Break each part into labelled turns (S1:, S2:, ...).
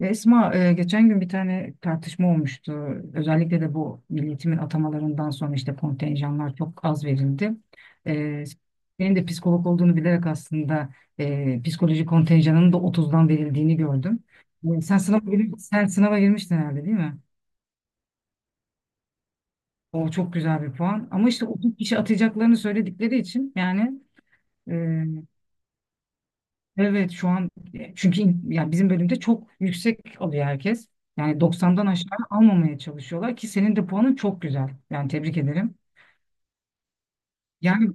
S1: Ya Esma, geçen gün bir tane tartışma olmuştu. Özellikle de bu milletimin atamalarından sonra işte kontenjanlar çok az verildi. E, Senin de psikolog olduğunu bilerek aslında psikoloji kontenjanının da 30'dan verildiğini gördüm. Sen sen sınava girmiştin herhalde, değil mi? O çok güzel bir puan. Ama işte 30 kişi atacaklarını söyledikleri için, yani e, evet şu an, çünkü yani bizim bölümde çok yüksek alıyor herkes. Yani 90'dan aşağı almamaya çalışıyorlar ki senin de puanın çok güzel. Yani tebrik ederim. Yani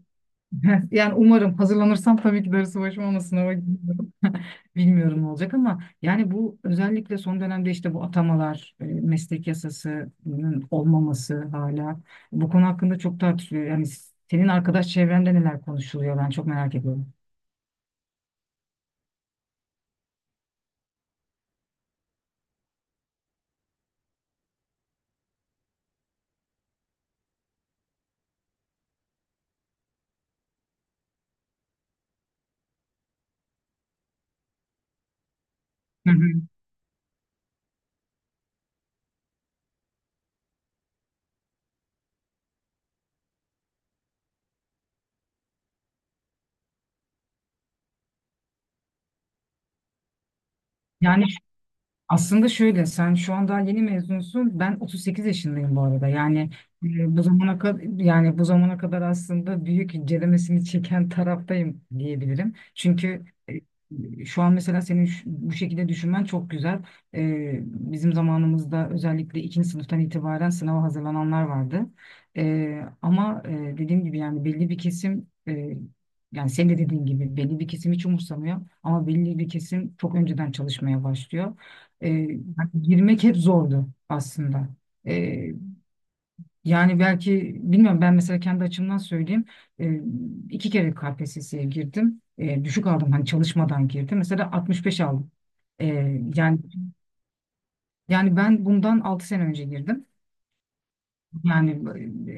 S1: yani umarım hazırlanırsam tabii ki darısı başıma, ama sınava girmiyorum. Bilmiyorum ne olacak, ama yani bu özellikle son dönemde işte bu atamalar, meslek yasasının olmaması hala bu konu hakkında çok tartışılıyor. Yani senin arkadaş çevrende neler konuşuluyor ben çok merak ediyorum. Hı hı. Yani aslında şöyle, sen şu anda yeni mezunsun. Ben 38 yaşındayım bu arada. Yani bu zamana kadar aslında büyük incelemesini çeken taraftayım diyebilirim. Çünkü şu an mesela bu şekilde düşünmen çok güzel. Bizim zamanımızda özellikle ikinci sınıftan itibaren sınava hazırlananlar vardı. E, ama e, Dediğim gibi yani belli bir kesim, yani senin de dediğin gibi belli bir kesim hiç umursamıyor ama belli bir kesim çok önceden çalışmaya başlıyor. E, Hani girmek hep zordu aslında. E, Yani belki bilmiyorum, ben mesela kendi açımdan söyleyeyim. E, iki kere KPSS'ye girdim. Düşük aldım, hani çalışmadan girdim. Mesela 65 aldım. E, yani ben bundan 6 sene önce girdim. Yani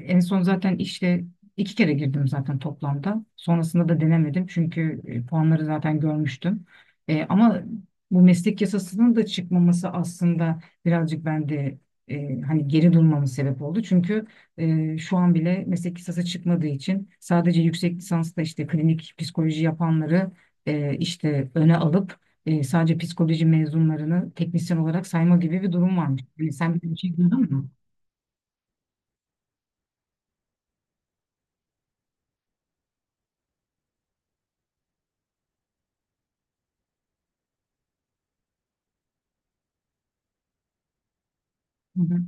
S1: en son zaten işte iki kere girdim zaten toplamda. Sonrasında da denemedim çünkü puanları zaten görmüştüm. Ama bu meslek yasasının da çıkmaması aslında birazcık bende, hani geri durmamın sebep oldu. Çünkü şu an bile meslek yasası çıkmadığı için sadece yüksek lisansta işte klinik psikoloji yapanları işte öne alıp sadece psikoloji mezunlarını teknisyen olarak sayma gibi bir durum varmış. Yani sen bir şey duydun mu? Hı hı.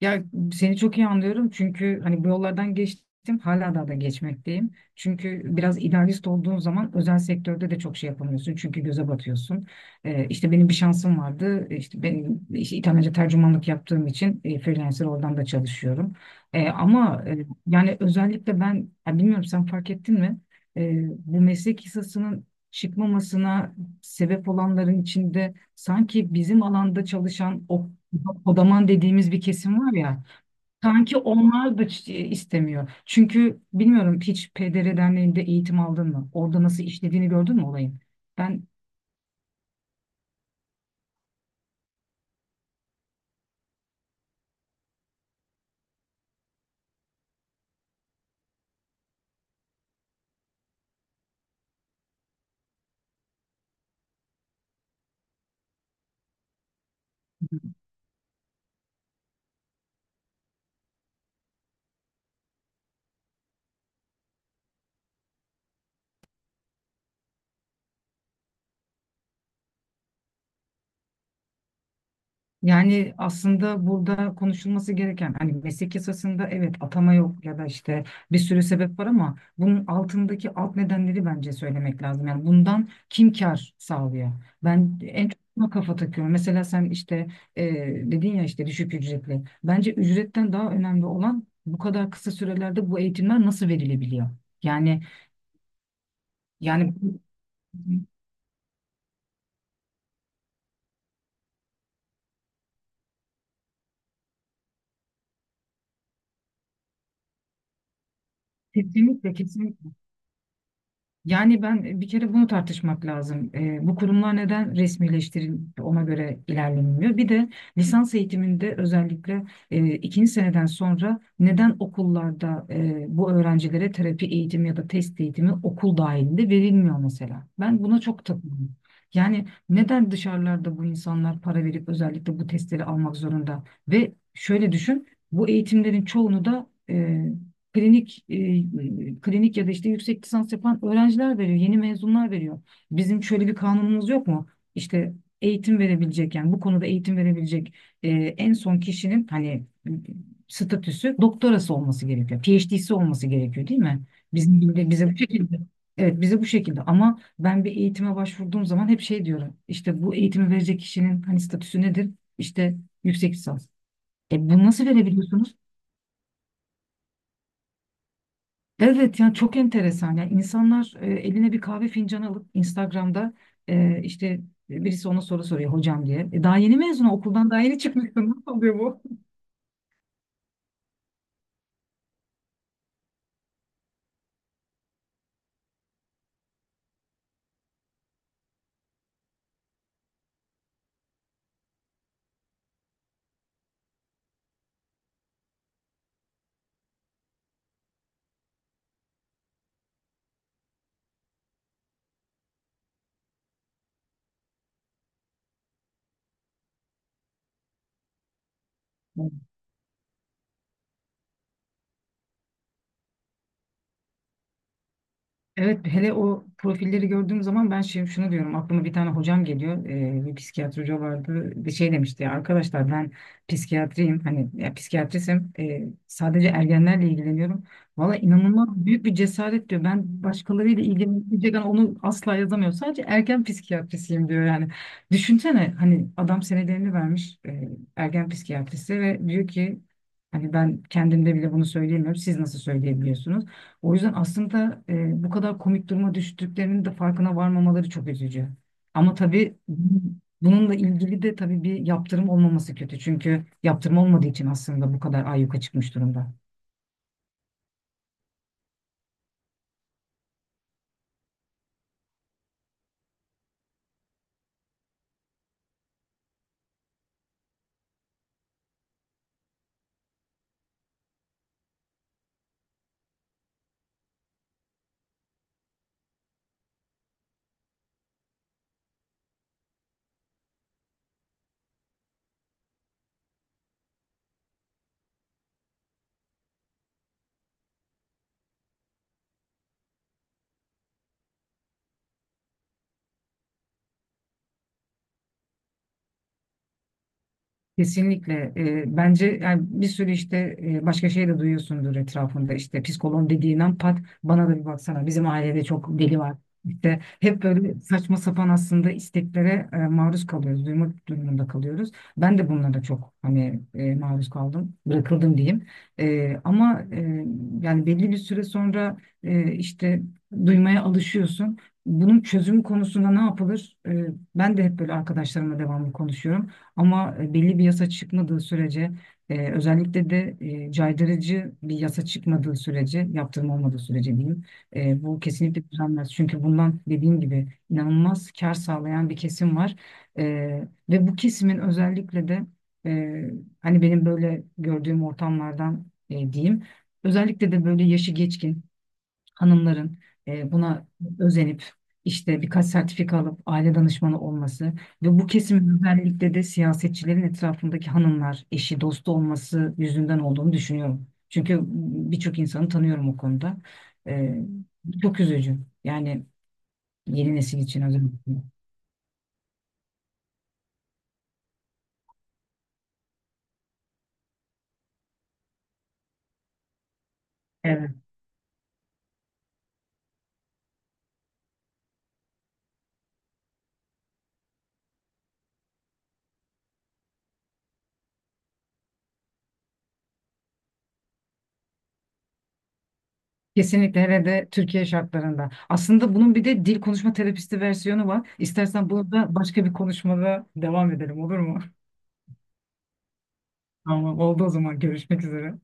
S1: Ya, seni çok iyi anlıyorum çünkü hani bu yollardan geçtim, hala daha da geçmekteyim. Çünkü biraz idealist olduğun zaman özel sektörde de çok şey yapamıyorsun çünkü göze batıyorsun. İşte benim bir şansım vardı, işte benim işte İtalyanca tercümanlık yaptığım için freelancer oradan da çalışıyorum. Yani özellikle ben, ya bilmiyorum sen fark ettin mi? Bu meslek yasasının çıkmamasına sebep olanların içinde sanki bizim alanda çalışan o odaman dediğimiz bir kesim var ya, sanki onlar da istemiyor. Çünkü bilmiyorum, hiç PDR Derneği'nde eğitim aldın mı? Orada nasıl işlediğini gördün mü olayın? Ben Yani aslında burada konuşulması gereken hani meslek yasasında evet atama yok ya da işte bir sürü sebep var, ama bunun altındaki alt nedenleri bence söylemek lazım. Yani bundan kim kar sağlıyor? Ben en çok buna kafa takıyorum. Mesela sen işte e, dedin ya işte düşük ücretli. Bence ücretten daha önemli olan bu kadar kısa sürelerde bu eğitimler nasıl verilebiliyor? Yani yani kesinlikle, yani ben, bir kere bunu tartışmak lazım. Bu kurumlar neden resmileştirilip ona göre ilerlenmiyor? Bir de lisans eğitiminde özellikle ikinci seneden sonra neden okullarda bu öğrencilere terapi eğitimi ya da test eğitimi okul dahilinde verilmiyor mesela? Ben buna çok takılıyorum. Yani neden dışarılarda bu insanlar para verip özellikle bu testleri almak zorunda? Ve şöyle düşün, bu eğitimlerin çoğunu da klinik ya da işte yüksek lisans yapan öğrenciler veriyor, yeni mezunlar veriyor. Bizim şöyle bir kanunumuz yok mu? İşte eğitim verebilecek, yani bu konuda eğitim verebilecek e, en son kişinin hani statüsü doktorası olması gerekiyor. PhD'si olması gerekiyor, değil mi? Bizim gibi bize bu şekilde. Evet, bize bu şekilde, ama ben bir eğitime başvurduğum zaman hep şey diyorum. İşte bu eğitimi verecek kişinin hani statüsü nedir? İşte yüksek lisans. E bunu nasıl verebiliyorsunuz? Evet, yani çok enteresan. Yani insanlar eline bir kahve fincanı alıp Instagram'da işte birisi ona soru soruyor hocam diye. E, daha yeni mezun, okuldan daha yeni çıkmışsın. Nasıl oluyor bu? Evet, hele o profilleri gördüğüm zaman ben şunu diyorum, aklıma bir tane hocam geliyor, bir psikiyatri hoca vardı bir şey demişti ya, arkadaşlar ben psikiyatrisim, sadece ergenlerle ilgileniyorum. Valla inanılmaz büyük bir cesaret diyor, ben başkalarıyla ilgilenmeyecek yani onu asla yazamıyor, sadece ergen psikiyatrisiyim diyor yani. Düşünsene, hani adam senelerini vermiş ergen psikiyatrisi ve diyor ki hani ben kendimde bile bunu söyleyemiyorum, siz nasıl söyleyebiliyorsunuz? O yüzden aslında bu kadar komik duruma düştüklerinin de farkına varmamaları çok üzücü. Ama tabii bununla ilgili de tabii bir yaptırım olmaması kötü. Çünkü yaptırım olmadığı için aslında bu kadar ayyuka çıkmış durumda. Kesinlikle. Bence yani bir sürü işte başka şey de duyuyorsundur etrafında. İşte psikoloğun dediğin an pat, bana da bir baksana. Bizim ailede çok deli var. İşte hep böyle saçma sapan aslında isteklere maruz kalıyoruz. Duymak durumunda kalıyoruz. Ben de bunlara çok hani maruz kaldım. Bırakıldım diyeyim. E, ama e, Yani belli bir süre sonra e, işte duymaya alışıyorsun. Bunun çözüm konusunda ne yapılır? Ben de hep böyle arkadaşlarımla devamlı konuşuyorum. Ama belli bir yasa çıkmadığı sürece, özellikle de caydırıcı bir yasa çıkmadığı sürece, yaptırım olmadığı sürece diyeyim, bu kesinlikle düzelmez. Çünkü bundan dediğim gibi inanılmaz kar sağlayan bir kesim var. E, Ve bu kesimin özellikle de, e, hani benim böyle gördüğüm ortamlardan diyeyim. Özellikle de böyle yaşı geçkin hanımların buna özenip işte birkaç sertifika alıp aile danışmanı olması ve bu kesimin özellikle de siyasetçilerin etrafındaki hanımlar, eşi, dostu olması yüzünden olduğunu düşünüyorum. Çünkü birçok insanı tanıyorum o konuda. E, Çok üzücü. Yani yeni nesil için özellikle. Evet. Kesinlikle, hele de Türkiye şartlarında. Aslında bunun bir de dil konuşma terapisti versiyonu var. İstersen bunu da başka bir konuşmada devam edelim, olur mu? Tamam, oldu o zaman, görüşmek üzere.